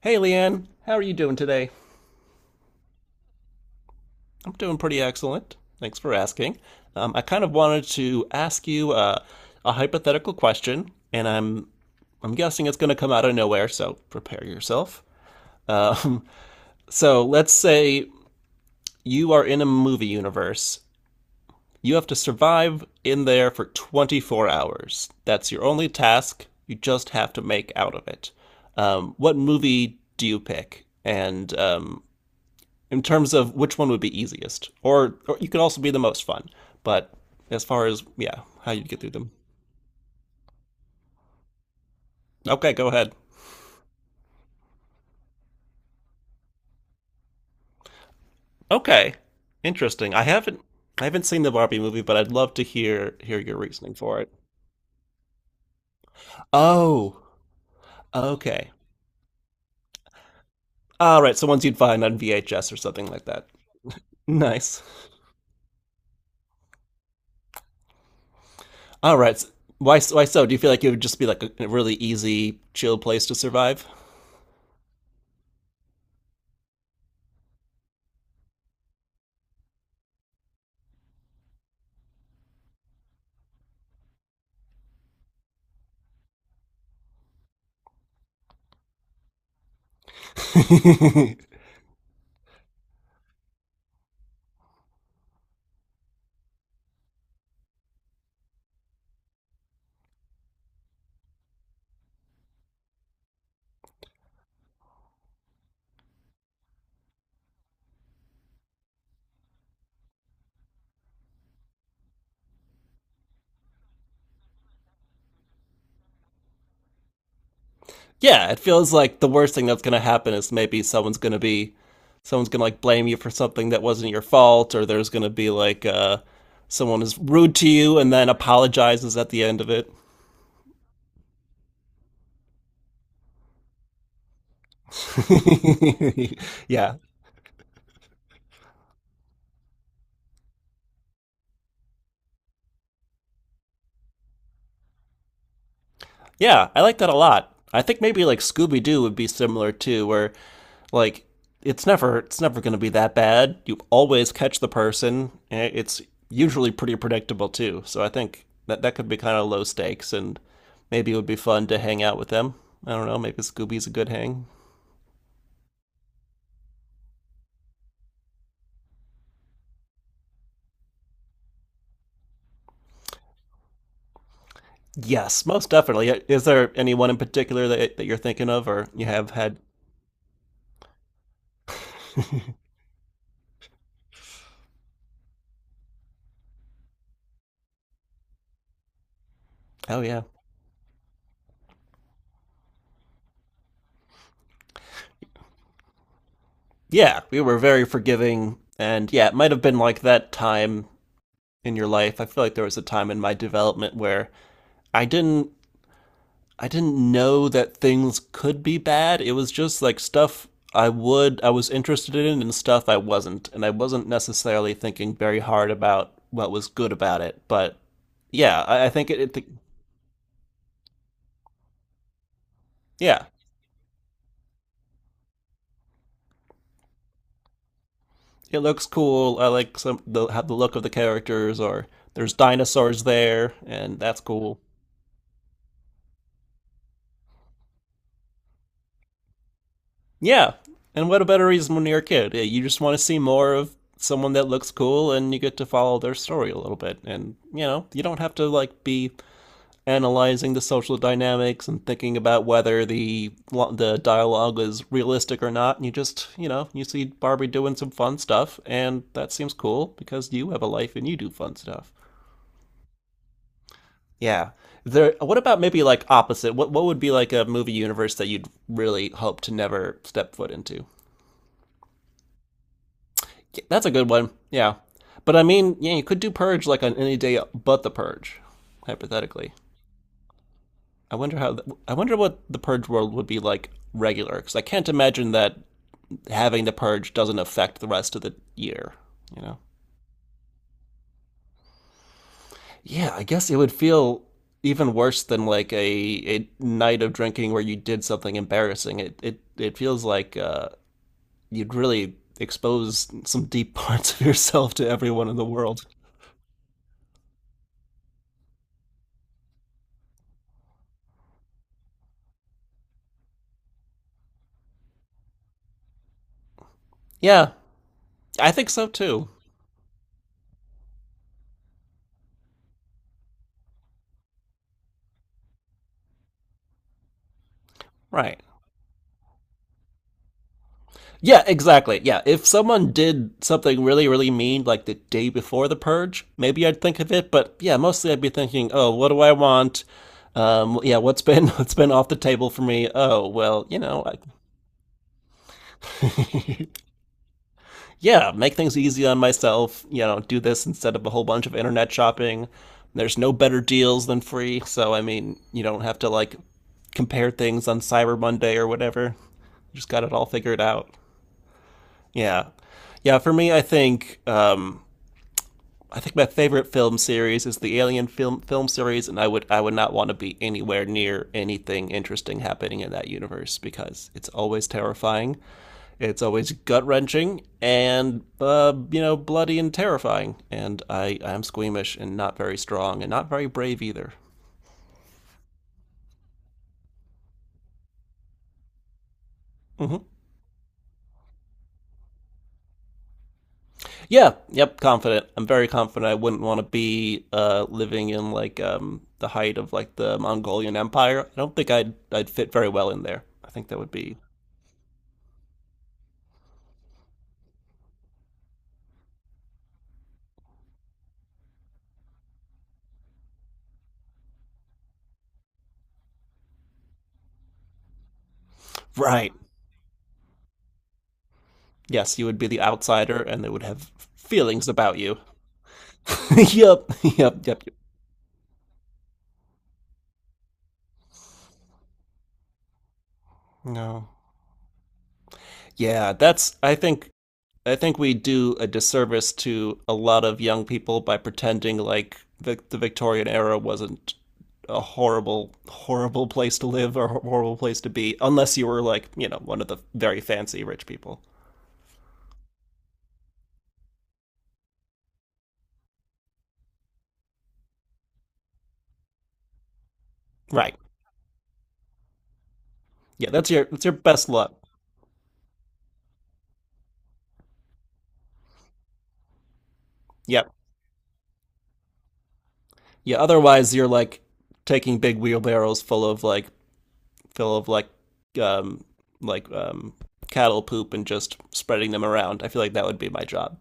Hey, Leanne, how are you doing today? I'm doing pretty excellent. Thanks for asking. I kind of wanted to ask you a hypothetical question, and I'm guessing it's going to come out of nowhere, so prepare yourself. Um, so let's say you are in a movie universe. You have to survive in there for 24 hours. That's your only task. You just have to make out of it. What movie do you pick, and in terms of which one would be easiest, or you could also be the most fun. But as far as yeah, how you get through them. Okay, go ahead. Okay, interesting. I haven't seen the Barbie movie, but I'd love to hear your reasoning for it. Oh, okay. All right, so ones you'd find on VHS or something like that. Nice. All right. Why so? Do you feel like it would just be like a really easy, chill place to survive? yeah, it feels like the worst thing that's going to happen is maybe someone's going to like blame you for something that wasn't your fault, or there's going to be like someone is rude to you and then apologizes at the end of it. yeah, yeah, I like that a lot. I think maybe like Scooby Doo would be similar too, where like it's never going to be that bad. You always catch the person. And it's usually pretty predictable too. So I think that that could be kind of low stakes, and maybe it would be fun to hang out with them. I don't know. Maybe Scooby's a good hang. Yes, most definitely. Yeah, is there anyone in particular that you're thinking of, or you have had? oh yeah, yeah. We were very forgiving, and yeah, it might have been like that time in your life. I feel like there was a time in my development where I didn't I didn't know that things could be bad. It was just like stuff I was interested in and stuff I wasn't, and I wasn't necessarily thinking very hard about what was good about it. But yeah, I think it yeah, it looks cool. I like some the have the look of the characters, or there's dinosaurs there and that's cool. Yeah. And what a better reason when you're a kid? Yeah, you just want to see more of someone that looks cool and you get to follow their story a little bit. And, you know, you don't have to like be analyzing the social dynamics and thinking about whether the dialogue is realistic or not. And you just, you know, you see Barbie doing some fun stuff and that seems cool because you have a life and you do fun stuff. Yeah. There what about maybe like opposite? What would be like a movie universe that you'd really hope to never step foot into? Yeah, that's a good one. Yeah. But I mean, yeah, you could do Purge like on any day but the Purge, hypothetically. I wonder how. I wonder what the Purge world would be like regular, because I can't imagine that having the Purge doesn't affect the rest of the year. You know? Yeah, I guess it would feel even worse than like a night of drinking where you did something embarrassing. It feels like you'd really expose some deep parts of yourself to everyone in the world. Yeah, I think so too. Right. Yeah, exactly. Yeah, if someone did something really, really mean like the day before the purge, maybe I'd think of it. But yeah, mostly I'd be thinking, oh, what do I want? Yeah, what's been what's been off the table for me? Oh, well, you know, I, yeah, make things easy on myself. You know, do this instead of a whole bunch of internet shopping. There's no better deals than free, so I mean, you don't have to like compare things on Cyber Monday or whatever. You just got it all figured out. Yeah. Yeah, for me, I think my favorite film series is the Alien film series, and I would not want to be anywhere near anything interesting happening in that universe because it's always terrifying, it's always gut wrenching, and you know, bloody and terrifying. And I'm squeamish and not very strong and not very brave either. Hmm. Yeah, yep, confident. I'm very confident. I wouldn't want to be living in like the height of like the Mongolian Empire. I don't think I'd fit very well in there. I think that would be right. Yes, you would be the outsider and they would have feelings about you. yep, yep, yep, yep. No. Yeah, that's I think we do a disservice to a lot of young people by pretending like the Victorian era wasn't a horrible, horrible place to live or horrible place to be, unless you were like, you know, one of the very fancy rich people. Right. Yeah, that's your best luck. Yep. Yeah. Otherwise you're like taking big wheelbarrows full of like um like um cattle poop and just spreading them around. I feel like that would be my job.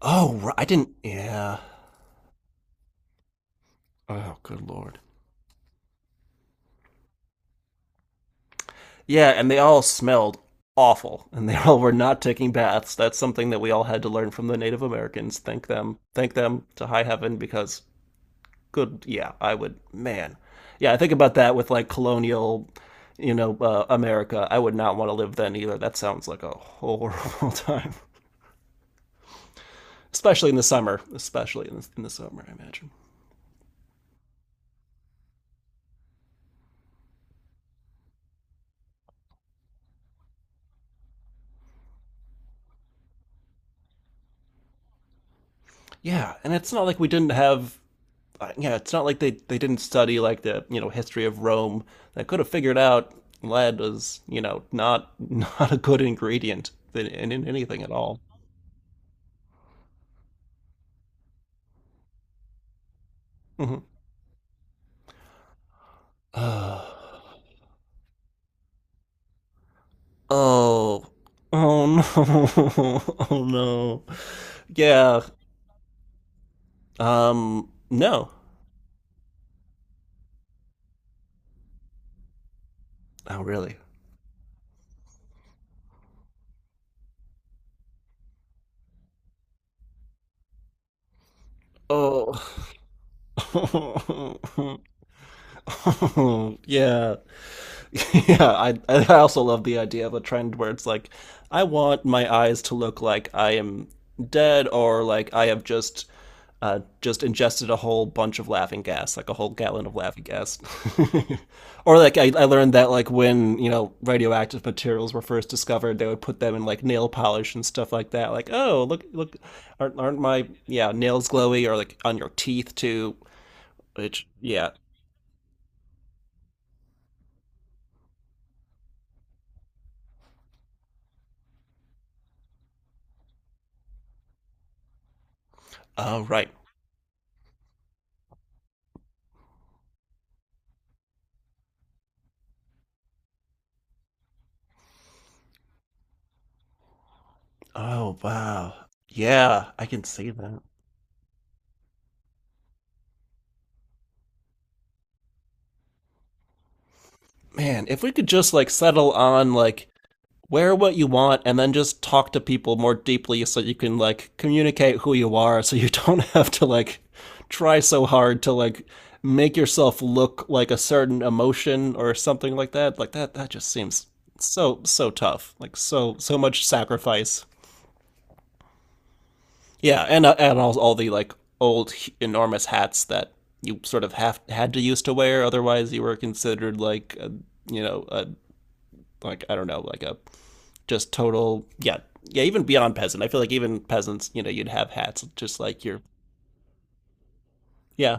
Oh, I didn't. Yeah. Oh, good lord. Yeah, and they all smelled awful, and they all were not taking baths. That's something that we all had to learn from the Native Americans. Thank them. Thank them to high heaven because good. Yeah, I would. Man. Yeah, I think about that with like colonial, you know, America. I would not want to live then either. That sounds like a horrible time. Especially in the summer, especially in the summer, I imagine. Yeah, and it's not like we didn't have. Yeah, it's not like they didn't study like the you know, history of Rome. They could have figured out lead was, you know, not not a good ingredient in, in anything at all. Hmm. oh, oh no, oh no, yeah. No. Oh really? Oh, yeah. yeah, I also love the idea of a trend where it's like, I want my eyes to look like I am dead, or like I have just ingested a whole bunch of laughing gas, like a whole gallon of laughing gas. or like I learned that like when, you know, radioactive materials were first discovered, they would put them in like nail polish and stuff like that. Like oh look look, aren't my yeah nails glowy or like on your teeth too? Which yeah oh right. Oh wow. Yeah, I can see that. Man, if we could just like settle on like wear what you want and then just talk to people more deeply so you can like communicate who you are so you don't have to like try so hard to like make yourself look like a certain emotion or something like that. Like that that just seems so so tough. Like so so much sacrifice. Yeah, and all the like old enormous hats that you sort of have had to used to wear, otherwise you were considered like a, you know a like I don't know like a just total yeah yeah even beyond peasant. I feel like even peasants, you know, you'd have hats just like your yeah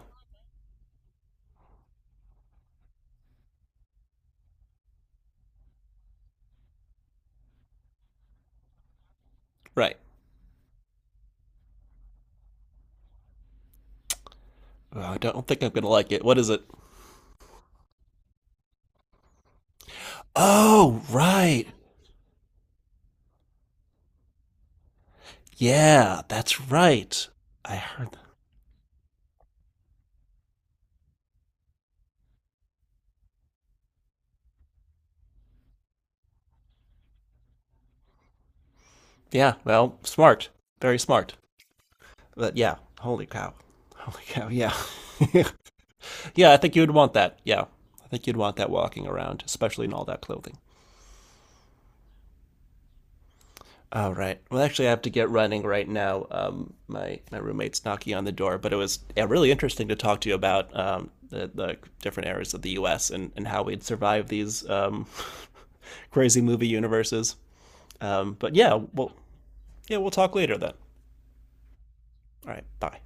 right. Oh, I don't think I'm gonna like it. What is it? Oh right, yeah that's right. I heard that. Yeah, well smart, very smart. But yeah, holy cow, yeah. Yeah, I think you would want that. Yeah, I think you'd want that walking around, especially in all that clothing. All right. Well, actually, I have to get running right now. My roommate's knocking on the door, but it was yeah, really interesting to talk to you about the different areas of the U.S. And how we'd survive these crazy movie universes. But yeah, well, yeah, we'll talk later then. All right. Bye.